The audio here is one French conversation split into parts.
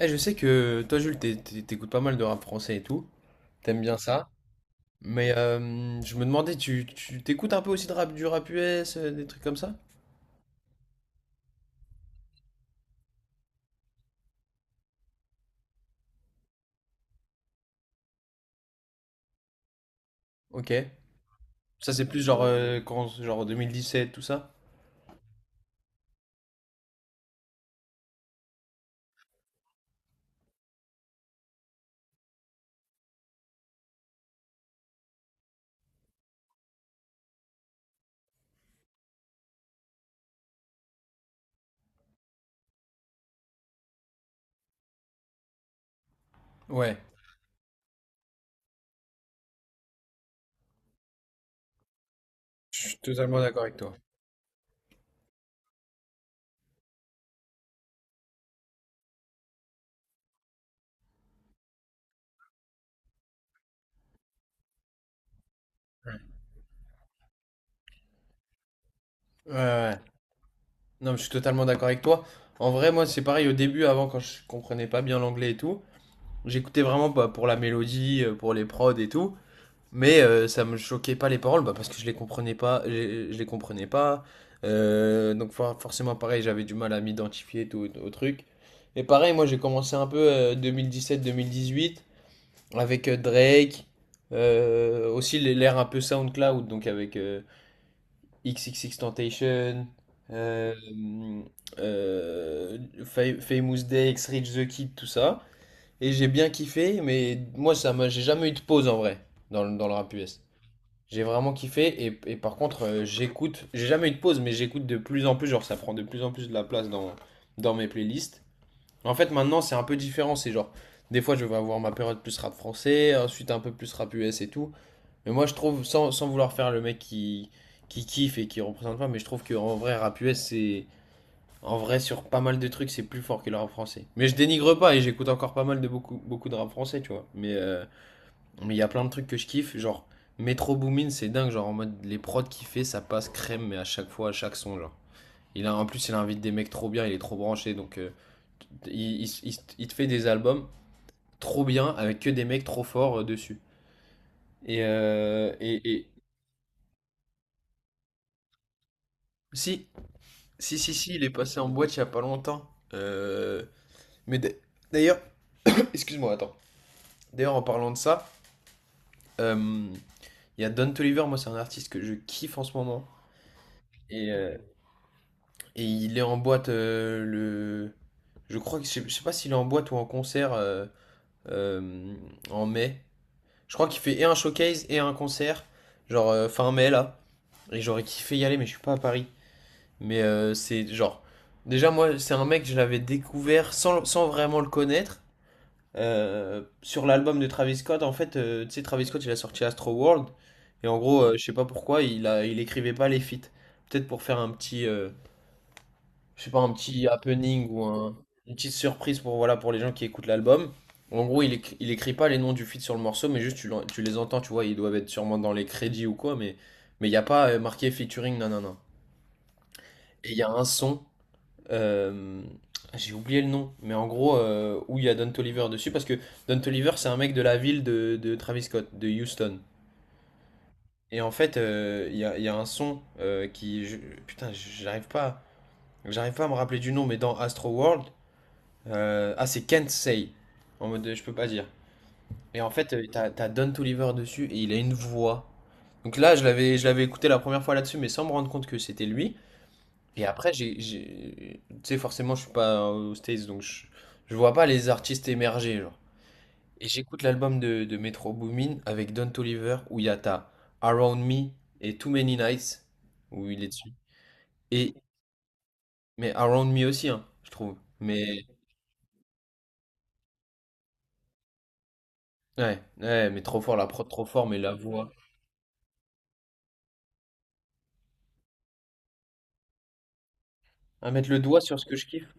Eh, je sais que toi, Jules, t'écoutes pas mal de rap français et tout. T'aimes bien ça. Mais je me demandais, t'écoutes un peu aussi de rap, du rap US, des trucs comme ça? Ok. Ça, c'est plus genre, quand, genre 2017, tout ça? Ouais. Je suis totalement d'accord avec toi. Ouais, ouais. Non, mais je suis totalement d'accord avec toi. En vrai, moi, c'est pareil au début, avant, quand je comprenais pas bien l'anglais et tout. J'écoutais vraiment pas pour la mélodie, pour les prods et tout. Mais ça me choquait pas les paroles bah, parce que je les comprenais pas, je les comprenais pas. Donc forcément pareil, j'avais du mal à m'identifier tout au truc. Et pareil, moi j'ai commencé un peu 2017-2018 avec Drake, aussi l'ère un peu SoundCloud, donc avec XXXTentacion, euh, euh, Famous Day, X-Rich The Kid, tout ça. Et j'ai bien kiffé, mais moi j'ai jamais eu de pause en vrai dans le rap US. J'ai vraiment kiffé et, et par contre, j'ai jamais eu de pause mais j'écoute de plus en plus, genre ça prend de plus en plus de la place dans, dans mes playlists. En fait maintenant c'est un peu différent, c'est genre des fois je vais avoir ma période plus rap français, ensuite un peu plus rap US et tout. Mais moi je trouve, sans vouloir faire le mec qui kiffe et qui représente pas, mais je trouve qu'en vrai rap US c'est. En vrai sur pas mal de trucs c'est plus fort que le rap français. Mais je dénigre pas et j'écoute encore pas mal de beaucoup, beaucoup de rap français tu vois. Mais il y a plein de trucs que je kiffe, genre Metro Boomin, c'est dingue, genre en mode les prods qu'il fait, ça passe crème, mais à chaque fois, à chaque son, genre. Il a, en plus, il invite des mecs trop bien, il est trop branché, donc il te fait des albums trop bien avec que des mecs trop forts dessus. Et, euh, et, et- Si, si, si, si, il est passé en boîte il y a pas longtemps. Mais d'ailleurs, excuse-moi, attends. D'ailleurs, en parlant de ça, euh, il y a Don Toliver, moi, c'est un artiste que je kiffe en ce moment. Et, euh, Et il est en boîte le. Je crois que je sais pas s'il est en boîte ou en concert euh, en mai. Je crois qu'il fait et un showcase et un concert, genre fin mai là. Et j'aurais kiffé y aller, mais je suis pas à Paris. Mais c'est genre. Déjà, moi, c'est un mec, que je l'avais découvert sans vraiment le connaître. Sur l'album de Travis Scott, en fait, tu sais, Travis Scott, il a sorti Astro World. Et en gros, je sais pas pourquoi, il écrivait pas les feats. Peut-être pour faire un petit, je sais pas, un petit happening ou une petite surprise pour, voilà, pour les gens qui écoutent l'album. En gros, il écrit pas les noms du feat sur le morceau, mais juste tu les entends, tu vois, ils doivent être sûrement dans les crédits ou quoi, mais il n'y a pas marqué featuring, non, non, non. Et il y a un son, euh, j'ai oublié le nom, mais en gros, où il y a Don Toliver dessus, parce que Don Toliver, c'est un mec de la ville de Travis Scott, de Houston. Et en fait, il y a un son qui... putain, j'arrive pas à me rappeler du nom, mais dans Astro World, ah, c'est Can't Say. En mode, je peux pas dire. Et en fait, t'as Don Toliver dessus et il a une voix. Donc là, je l'avais écouté la première fois là-dessus, mais sans me rendre compte que c'était lui. Et après, tu sais, forcément, je suis pas aux States, donc je vois pas les artistes émerger, genre. Et j'écoute l'album de Metro Boomin avec Don Toliver où il y a ta Around Me et Too Many Nights où il est dessus. Et, mais Around Me aussi, hein, je trouve. Ouais, ouais, mais trop fort, la prod trop fort, mais la voix. À mettre le doigt sur ce que je kiffe?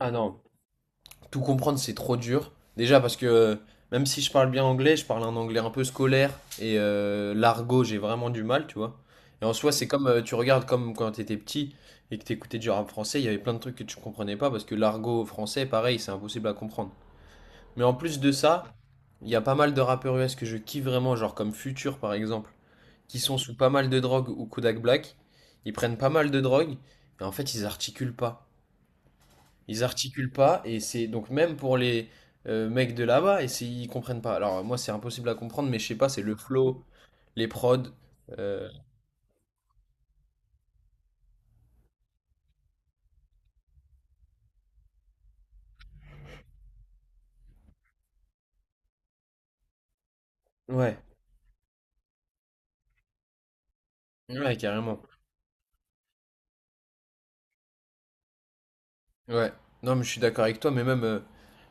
Ah non, tout comprendre c'est trop dur. Déjà parce que même si je parle bien anglais, je parle un anglais un peu scolaire et l'argot, j'ai vraiment du mal, tu vois. Et en soi, c'est comme tu regardes comme quand t'étais petit et que t'écoutais du rap français, il y avait plein de trucs que tu comprenais pas parce que l'argot français, pareil, c'est impossible à comprendre. Mais en plus de ça, il y a pas mal de rappeurs US que je kiffe vraiment, genre comme Future par exemple, qui sont sous pas mal de drogue ou Kodak Black. Ils prennent pas mal de drogue et en fait ils articulent pas. Ils articulent pas et c'est donc même pour les mecs de là-bas et ils comprennent pas. Alors moi c'est impossible à comprendre mais je sais pas, c'est le flow, les prods euh, ouais, ouais carrément. Ouais. Non mais je suis d'accord avec toi mais même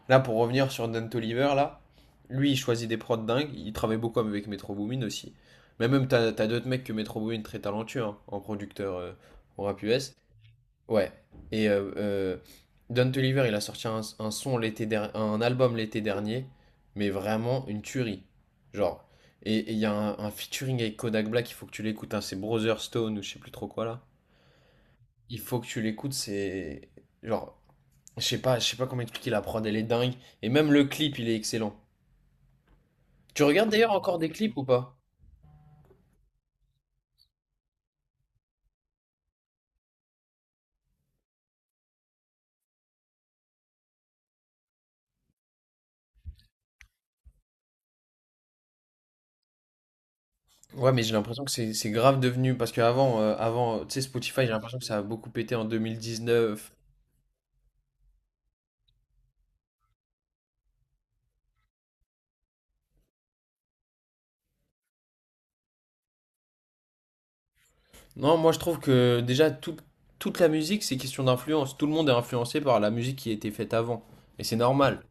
là pour revenir sur Dan Toliver là, lui il choisit des prods dingues, il travaille beaucoup avec Metro Boomin aussi. Mais même t'as d'autres mecs que Metro Boomin très talentueux hein, en producteur au rap US. Ouais. Et Don Toliver, il a sorti un album l'été dernier, mais vraiment une tuerie. Genre. Et il y a un featuring avec Kodak Black, il faut que tu l'écoutes, hein, c'est Brother Stone ou je sais plus trop quoi là. Il faut que tu l'écoutes, c'est. Genre, je sais pas comment expliquer la prod, elle est dingue. Et même le clip, il est excellent. Tu regardes d'ailleurs encore des clips ou pas? Ouais, mais j'ai l'impression que c'est grave devenu. Parce qu'avant, tu sais, Spotify, j'ai l'impression que ça a beaucoup pété en 2019. Non, moi je trouve que déjà toute la musique c'est question d'influence. Tout le monde est influencé par la musique qui a été faite avant. Et c'est normal.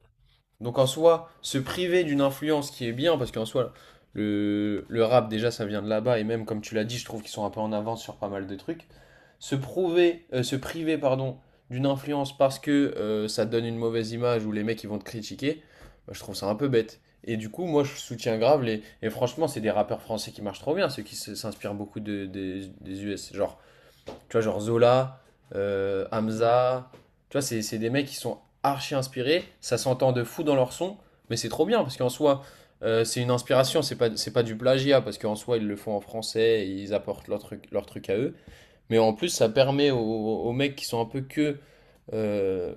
Donc en soi, se priver d'une influence qui est bien, parce qu'en soi, le rap déjà ça vient de là-bas, et même comme tu l'as dit, je trouve qu'ils sont un peu en avance sur pas mal de trucs. Se priver, pardon, d'une influence parce que ça te donne une mauvaise image ou les mecs ils vont te critiquer, bah, je trouve ça un peu bête. Et du coup, moi je soutiens grave les. Et franchement, c'est des rappeurs français qui marchent trop bien, ceux qui s'inspirent beaucoup des US. Genre. Tu vois, genre Zola, Hamza. Tu vois, c'est des mecs qui sont archi inspirés. Ça s'entend de fou dans leur son. Mais c'est trop bien parce qu'en soi, c'est une inspiration. C'est pas, du plagiat parce qu'en soi, ils le font en français, et ils apportent leur truc à eux. Mais en plus, ça permet aux mecs qui sont un peu que euh,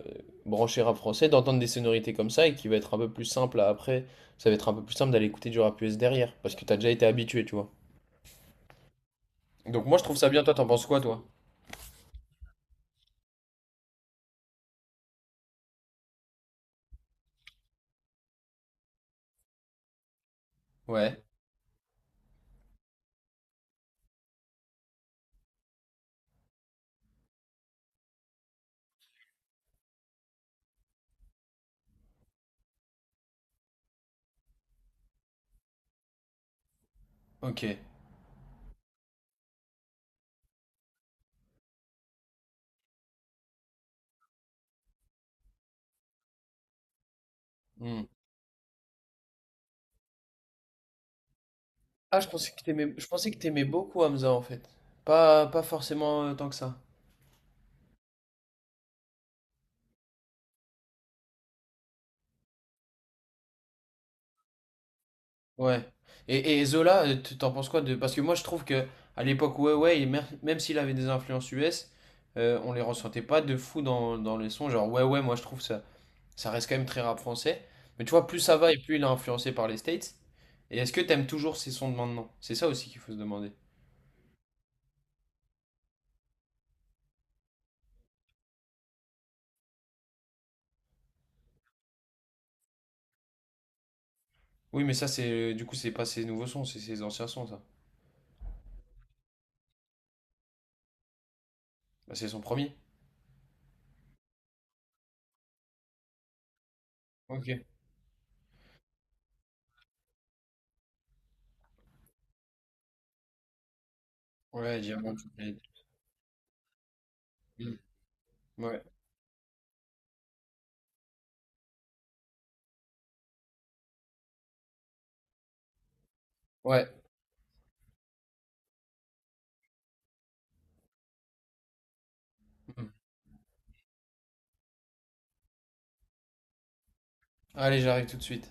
branchés rap français d'entendre des sonorités comme ça et qui va être un peu plus simple après. Ça va être un peu plus simple d'aller écouter du rap US derrière parce que t'as déjà été habitué, tu vois. Donc moi, je trouve ça bien. Toi, t'en penses quoi, toi? Ouais, ok. Hmm. Ah, je pensais que t'aimais beaucoup Hamza en fait. Pas forcément tant que ça. Ouais. Et Zola, t'en penses quoi de... Parce que moi je trouve que à l'époque, ouais, ouais, et même s'il avait des influences US, on les ressentait pas de fou dans les sons. Genre, ouais, ouais, moi je trouve ça, ça reste quand même très rap français. Mais tu vois, plus ça va et plus il est influencé par les States. Et est-ce que t'aimes toujours ces sons de maintenant? C'est ça aussi qu'il faut se demander. Oui, mais ça, c'est du coup, c'est pas ses nouveaux sons, c'est ses anciens sons, ça. Bah, c'est son premier. Ok. Ouais, Diamant. Mm. Ouais. Ouais. Mm. Allez, j'arrive tout de suite.